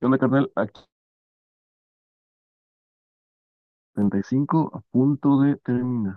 ¿Qué onda, carnal? Aquí 35 a punto de terminar.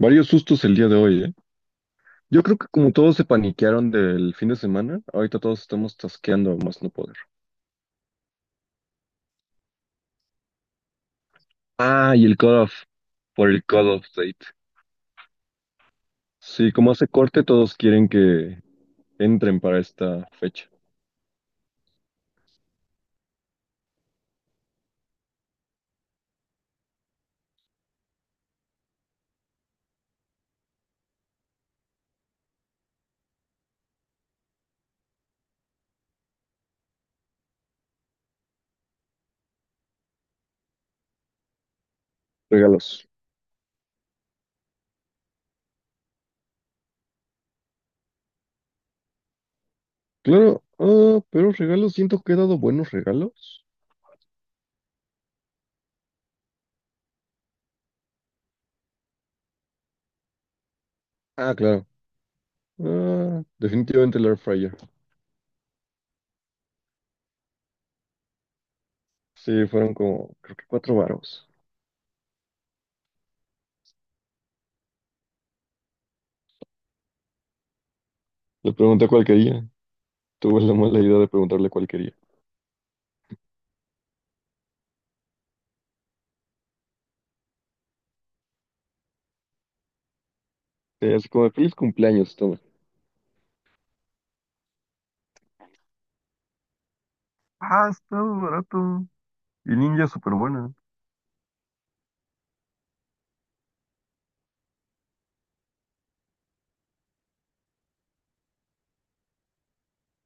Varios sustos el día de hoy, ¿eh? Yo creo que como todos se paniquearon del fin de semana, ahorita todos estamos tasqueando a más no poder. Ah, y el cutoff por el cutoff date. Sí, como hace corte, todos quieren que entren para esta fecha. Regalos. Claro, ah, pero regalos, siento que he dado buenos regalos. Ah, claro. Ah, definitivamente el air fryer. Sí, fueron como, creo que 4 varos. Le pregunté cuál quería. Tuve la mala idea de preguntarle cuál quería. Así como, de feliz cumpleaños, toma. Ah, está muy barato. Y ninja súper buena.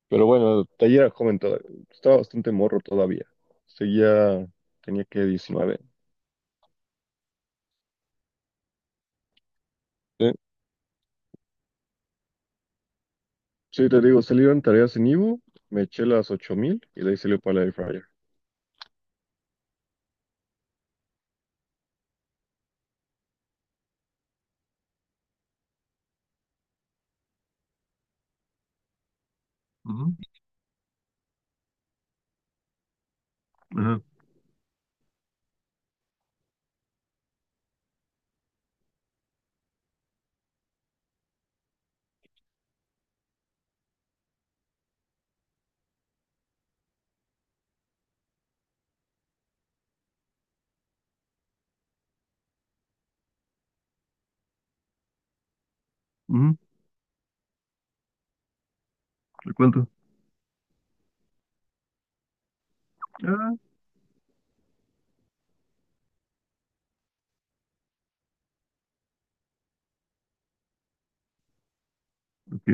Pero bueno, taller era joven todavía. Estaba bastante morro todavía. Seguía, tenía que 19. Sí. Sí, te digo, salieron tareas en Ivo, me eché las 8,000 y de ahí salió para la air fryer. Ujú. Ajá. Ujú. ¿De cuánto? Ah, ok.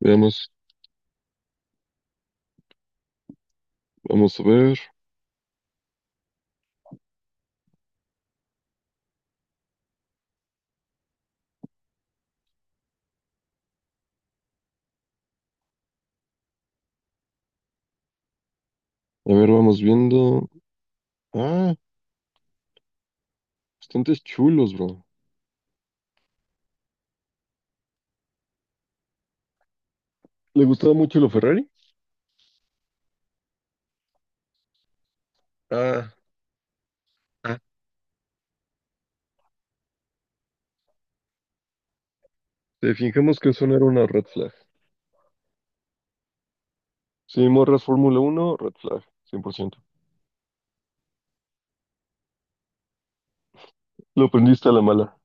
Veamos, vamos a ver. A ver, vamos viendo. Ah, bastantes chulos, bro. ¿Le gustaba mucho lo Ferrari? Ah. Si fijemos que eso no era una red flag. Si morras Fórmula Uno, red flag, 100%. Lo aprendiste a la mala.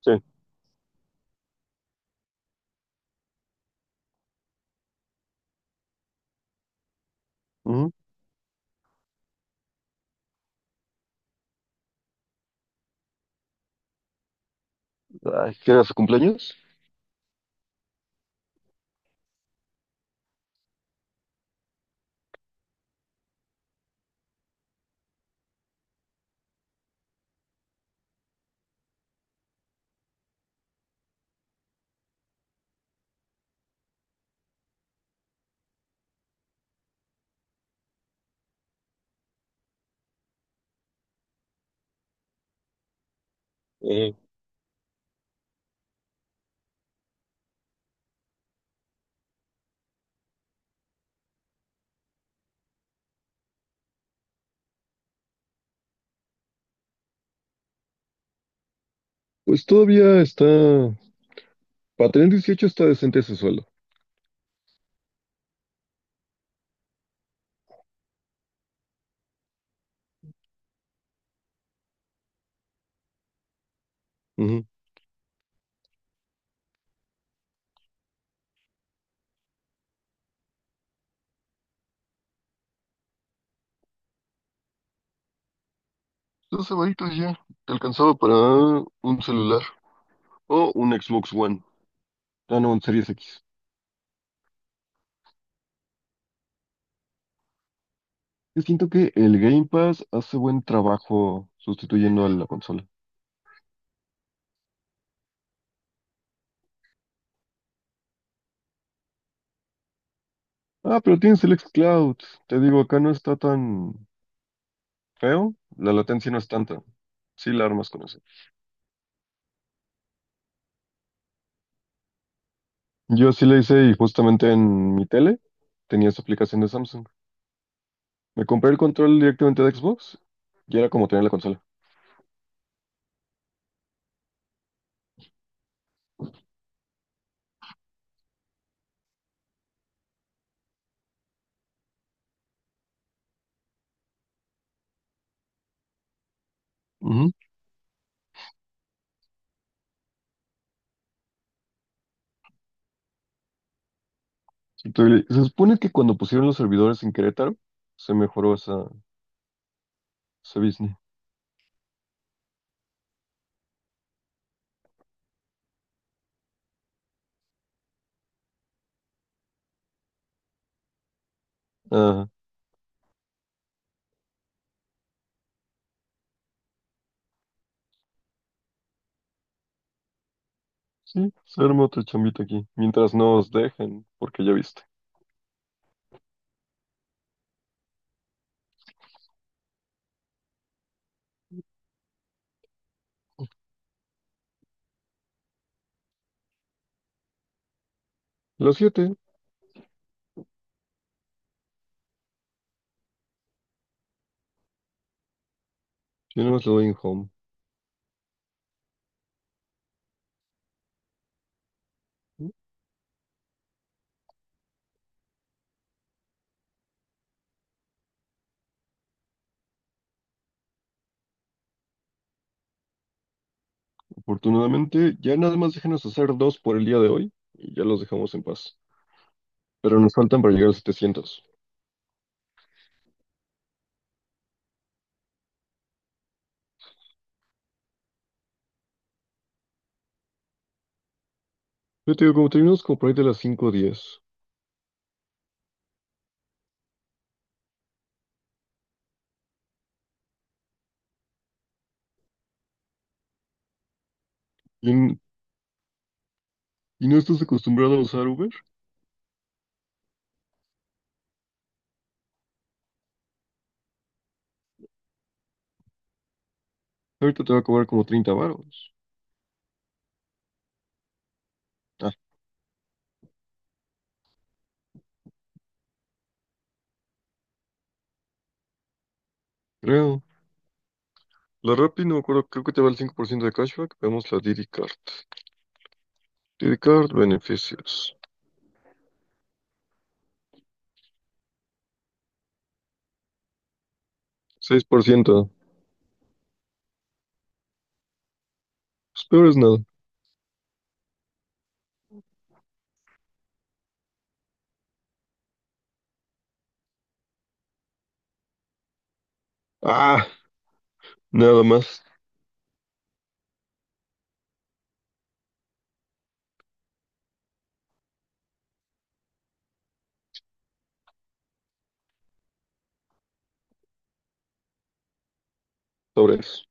Sí. Ujú. Ay, ¿qué era su cumpleaños? Eh, Pues todavía está. Para tener 18 está decente ese suelo. Ujú. Dos semanitas ya. Te alcanzaba para un celular o un Xbox One. Ah, no, un Series X. Yo siento que el Game Pass hace buen trabajo sustituyendo a la consola. Ah, pero tienes el xCloud. Te digo, acá no está tan feo, la latencia no es tanta. Sí la armas con eso. Yo sí la hice y justamente en mi tele tenía esa aplicación de Samsung. Me compré el control directamente de Xbox y era como tener la consola. Ujú. Entonces, se supone que cuando pusieron los servidores en Querétaro, se mejoró ese business. Ah, sí, se arma otra chambita aquí. Mientras no os dejen, porque ya viste. Los siete, yo nada más le doy en home. Afortunadamente, ya nada más déjenos hacer dos por el día de hoy y ya los dejamos en paz. Pero nos faltan para llegar a 700. Yo te digo, como terminamos como por ahí de las 5:10 y, y no estás acostumbrado a usar Uber, ahorita te va a cobrar como 30 varos. Ah, creo. La Rappi, no me acuerdo, creo que te va el 5% de cashback. Veamos la Didi Card. Didi Card, beneficios. 6%. Pues peor es nada. Ah, nada más sobre eso.